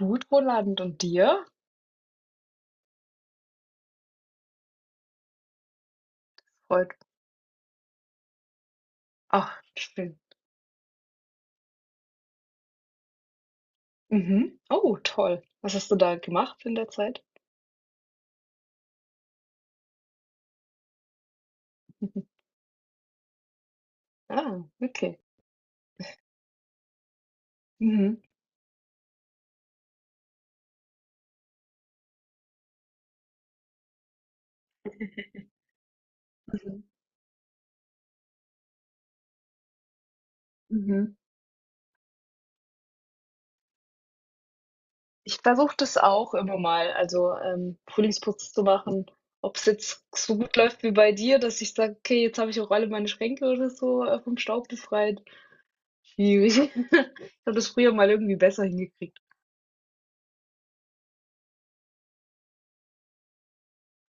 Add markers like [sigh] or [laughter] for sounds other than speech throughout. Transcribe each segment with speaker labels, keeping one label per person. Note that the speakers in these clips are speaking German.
Speaker 1: Gut, Roland, und dir? Freut. Ach, schön. Mhm. Oh, toll. Was hast du da gemacht in der Zeit? Ah, okay. Mhm. [laughs] Mhm. Mhm. Ich versuche das auch immer mal, also Frühlingsputz zu machen. Ob es jetzt so gut läuft wie bei dir, dass ich sage, okay, jetzt habe ich auch alle meine Schränke oder so vom Staub befreit. Schwierig. [laughs] Ich habe das früher mal irgendwie besser hingekriegt.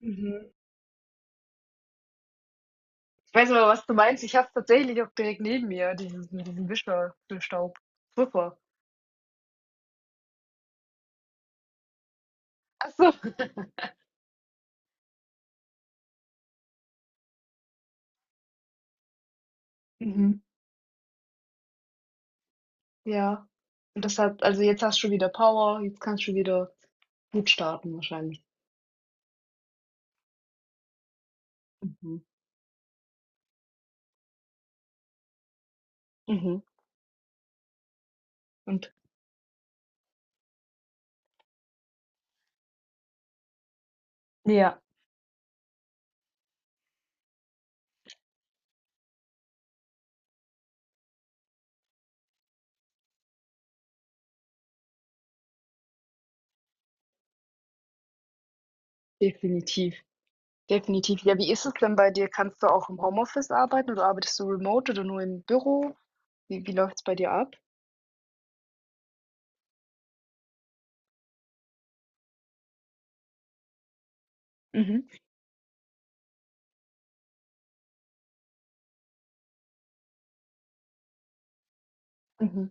Speaker 1: Mhm. Ich weiß aber, was du meinst. Ich habe es tatsächlich auch direkt neben mir, dieses, mit diesem Wischer für Staub. Super. Ach so. [laughs] Mhm. Ja. Und das hat, also jetzt hast du wieder Power, jetzt kannst du wieder gut starten wahrscheinlich. Mhm. Mhm. Und ja. Definitiv, definitiv. Ja, wie ist es denn bei dir? Kannst du auch im Homeoffice arbeiten oder arbeitest du remote oder nur im Büro? Wie läuft's bei dir ab? Mhm. Mhm.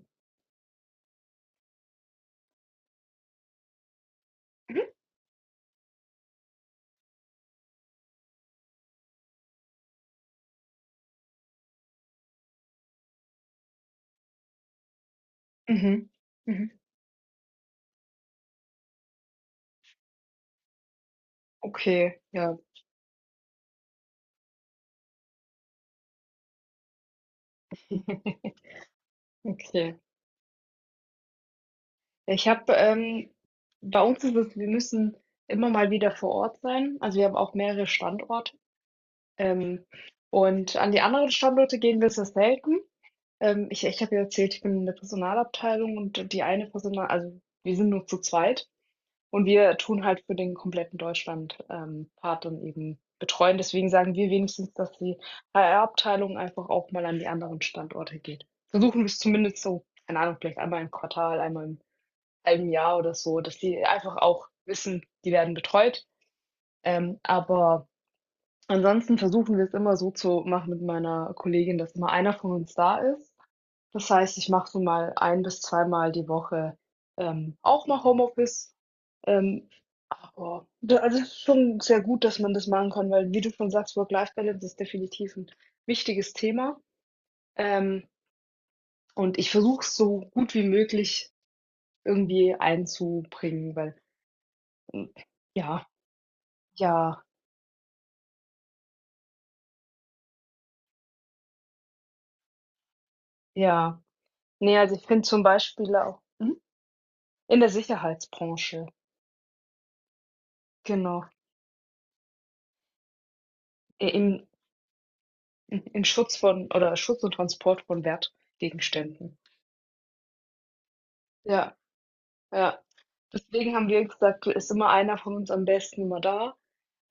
Speaker 1: Mhm. Mhm. Okay, ja. [laughs] Okay. Ja, ich habe, bei uns ist es, wir müssen immer mal wieder vor Ort sein. Also, wir haben auch mehrere Standorte. Ähm, und an die anderen Standorte gehen wir sehr selten. Ich habe ja erzählt, ich bin in der Personalabteilung und die eine Personal, also wir sind nur zu zweit und wir tun halt für den kompletten Deutschland Part dann eben betreuen. Deswegen sagen wir wenigstens, dass die HR-Abteilung einfach auch mal an die anderen Standorte geht. Versuchen wir es zumindest so, keine Ahnung, vielleicht einmal im Quartal, einmal im halben Jahr oder so, dass die einfach auch wissen, die werden betreut. Aber ansonsten versuchen wir es immer so zu machen mit meiner Kollegin, dass immer einer von uns da ist. Das heißt, ich mache so mal ein bis zweimal die Woche, auch mal Homeoffice. Ähm, aber da, also, es ist schon sehr gut, dass man das machen kann, weil wie du schon sagst, Work-Life-Balance ist definitiv ein wichtiges Thema. Ähm, und ich versuche es so gut wie möglich irgendwie einzubringen, weil ähm, ja, ja, ja. Nee, also ich finde zum Beispiel auch in der Sicherheitsbranche. Genau. I in Schutz von oder Schutz und Transport von Wertgegenständen. Ja, ja. Deswegen haben wir gesagt, ist immer einer von uns am besten immer da,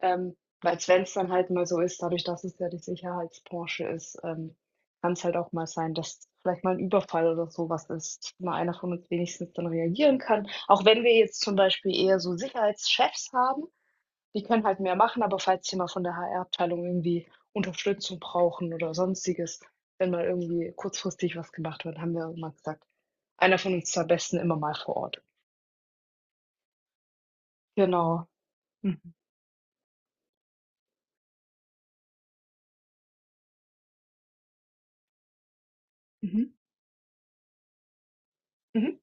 Speaker 1: ähm, weil wenn es dann halt mal so ist, dadurch, dass es ja die Sicherheitsbranche ist, kann es halt auch mal sein, dass vielleicht mal ein Überfall oder sowas ist, mal einer von uns wenigstens dann reagieren kann. Auch wenn wir jetzt zum Beispiel eher so Sicherheitschefs haben, die können halt mehr machen, aber falls sie mal von der HR-Abteilung irgendwie Unterstützung brauchen oder Sonstiges, wenn mal irgendwie kurzfristig was gemacht wird, haben wir immer gesagt, einer von uns zwei Besten immer mal vor Ort. Genau. Mhm. Mhm. Mhm.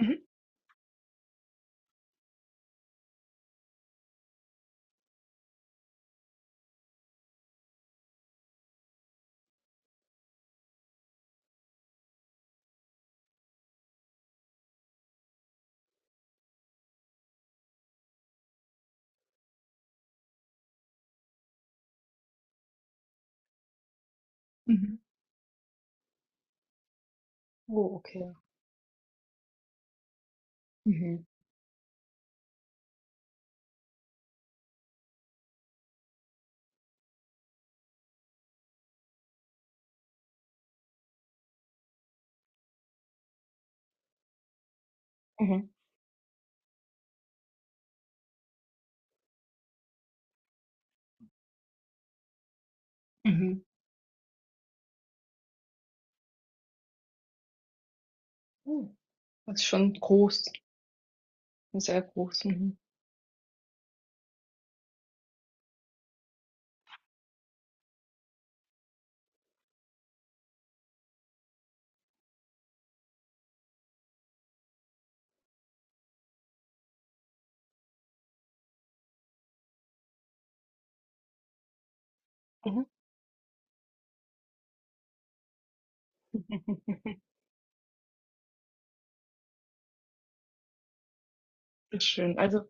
Speaker 1: Mhm. Mhm. Oh, okay. Mhm. Mhm. Mhm. Oh. Das ist schon groß, sehr groß. Mhm. Mhm. [laughs] Das ist schön. Also,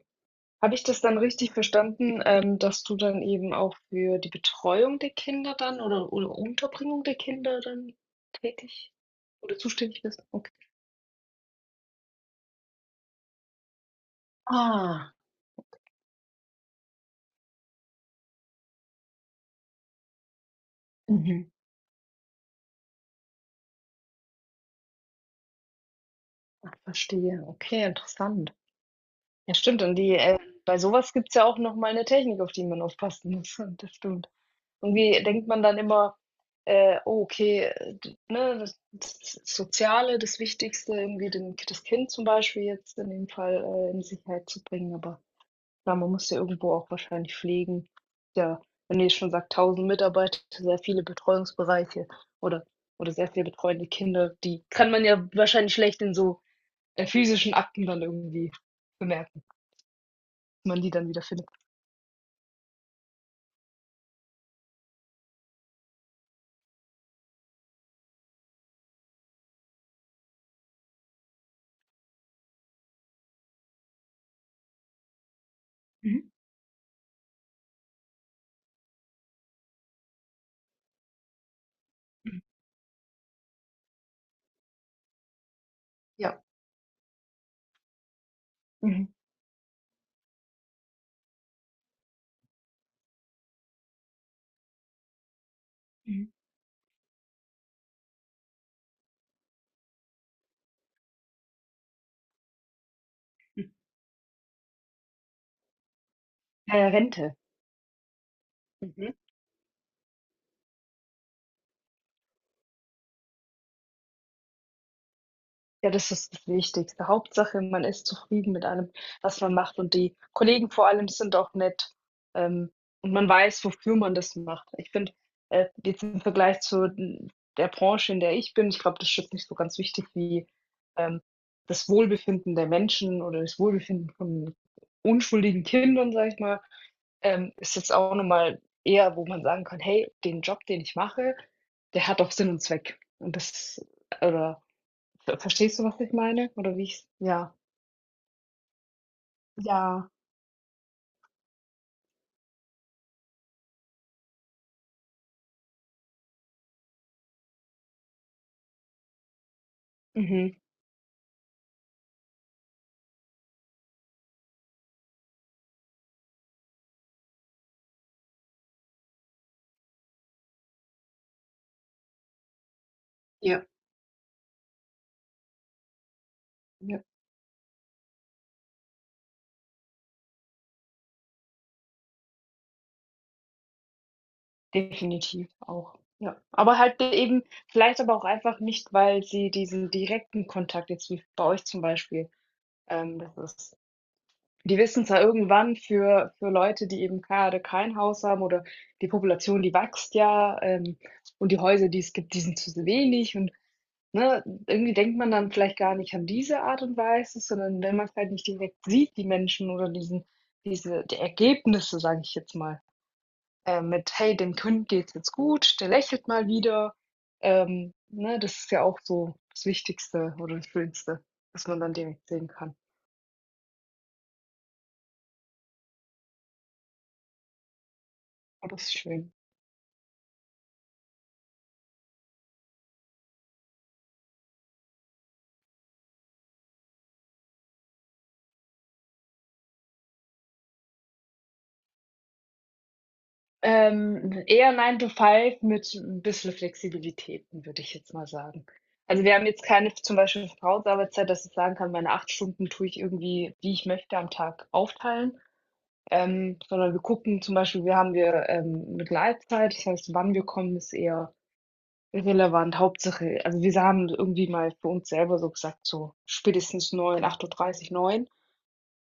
Speaker 1: habe ich das dann richtig verstanden, dass du dann eben auch für die Betreuung der Kinder dann oder Unterbringung der Kinder dann tätig oder zuständig bist? Okay. Ah, mhm. Ach, verstehe. Okay, interessant. Ja, stimmt. Und die, bei sowas gibt es ja auch nochmal eine Technik, auf die man aufpassen muss. [laughs] Das stimmt. Irgendwie denkt man dann immer, oh, okay, ne, das, das Soziale, das Wichtigste, irgendwie den, das Kind zum Beispiel jetzt in dem Fall, in Sicherheit zu bringen, aber klar, man muss ja irgendwo auch wahrscheinlich pflegen. Ja, wenn ihr schon sagt, 1.000 Mitarbeiter, sehr viele Betreuungsbereiche oder sehr viele betreuende Kinder, die kann man ja wahrscheinlich schlecht in so, physischen Akten dann irgendwie bemerken, wenn man die dann wiederfindet. Mhm, mhm. Ja. Mhm, mhm, mhm. Rente. Mhm. Ja, das ist das Wichtigste. Hauptsache, man ist zufrieden mit allem, was man macht und die Kollegen vor allem sind auch nett, ähm, und man weiß, wofür man das macht. Ich finde, jetzt im Vergleich zu n der Branche, in der ich bin, ich glaube, das ist jetzt nicht so ganz wichtig wie, ähm, das Wohlbefinden der Menschen oder das Wohlbefinden von unschuldigen Kindern, sage ich mal, ist jetzt auch noch mal eher, wo man sagen kann: „Hey, den Job, den ich mache, der hat auch Sinn und Zweck.“ Und das, oder verstehst du, was ich meine? Oder wie ich, ja, ja, mhm. Ja. Ja, definitiv auch. Ja, aber halt eben vielleicht aber auch einfach nicht, weil sie diesen direkten Kontakt jetzt wie bei euch zum Beispiel, das ist, die wissen zwar irgendwann für Leute, die eben gerade kein Haus haben oder die Population, die wächst ja, und die Häuser, die es gibt, die sind zu wenig und ne, irgendwie denkt man dann vielleicht gar nicht an diese Art und Weise, sondern wenn man's halt nicht direkt sieht, die Menschen oder diesen, diese, die Ergebnisse, sage ich jetzt mal, mit: „Hey, dem Kind geht's jetzt gut, der lächelt mal wieder.“ Ne, das ist ja auch so das Wichtigste oder das Schönste, was man dann direkt sehen kann. Oh, das ist schön. Eher 9 to 5 mit 'n bisschen Flexibilitäten, würde ich jetzt mal sagen. Also, wir haben jetzt keine zum Beispiel Vertrauensarbeitszeit, dass ich sagen kann, meine 8 Stunden tue ich irgendwie, wie ich möchte, am Tag aufteilen, sondern wir gucken zum Beispiel, wir haben 'ne Gleitzeit, das heißt, wann wir kommen, ist eher irrelevant. Hauptsache, also, wir haben irgendwie mal für uns selber so gesagt, so spätestens neun, 8:30 Uhr, neun.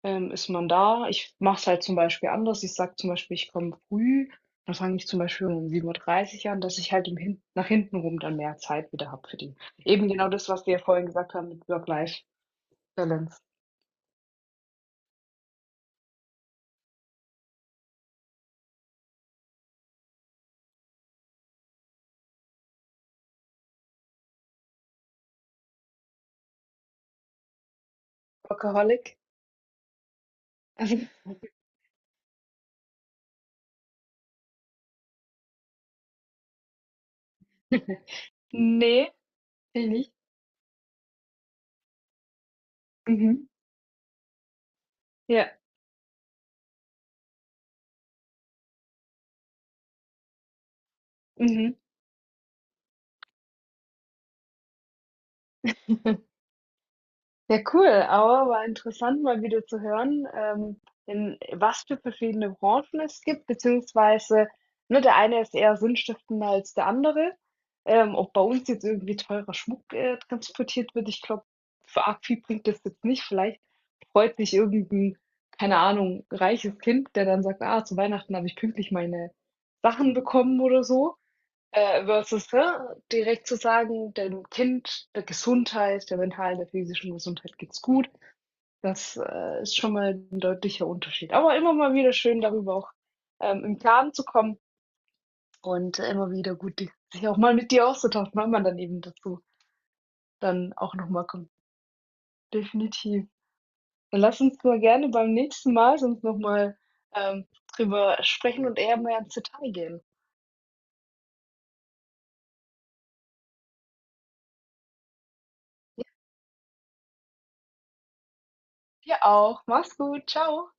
Speaker 1: Ist man da, ich mache es halt zum Beispiel anders. Ich sage zum Beispiel, ich komme früh, dann fange ich zum Beispiel um 7:30 an, dass ich halt im, hin nach hinten rum, dann mehr Zeit wieder habe für die. Eben genau das, was wir ja vorhin gesagt haben mit Work-Life-Balance. Workaholic? Also, [laughs] ne, bin ich nicht. Mhm. Ja, mhm. [laughs] Ja, cool, aber war interessant, mal wieder zu hören, in was für verschiedene Branchen es gibt, beziehungsweise, ne, der eine ist eher sinnstiftender als der andere. Ob bei uns jetzt irgendwie teurer Schmuck, transportiert wird, ich glaube, für arg viel bringt das jetzt nicht. Vielleicht freut sich irgend 'n, keine Ahnung, reiches Kind, der dann sagt: „Ah, zu Weihnachten habe ich pünktlich meine Sachen bekommen“ oder so. Versus, ne, direkt zu sagen, dem Kind, der Gesundheit, der mentalen, der physischen Gesundheit geht's gut. Das, ist schon mal ein deutlicher Unterschied. Aber immer mal wieder schön, darüber auch, im Klaren zu kommen und immer wieder gut, die sich auch mal mit dir auszutauschen, weil man dann eben dazu dann auch noch mal kommt. Definitiv. Dann lass uns mal gerne beim nächsten Mal sonst noch mal, ähm, drüber sprechen und eher mehr ins Detail gehen. Ja, dir auch. Mach's gut. Ciao.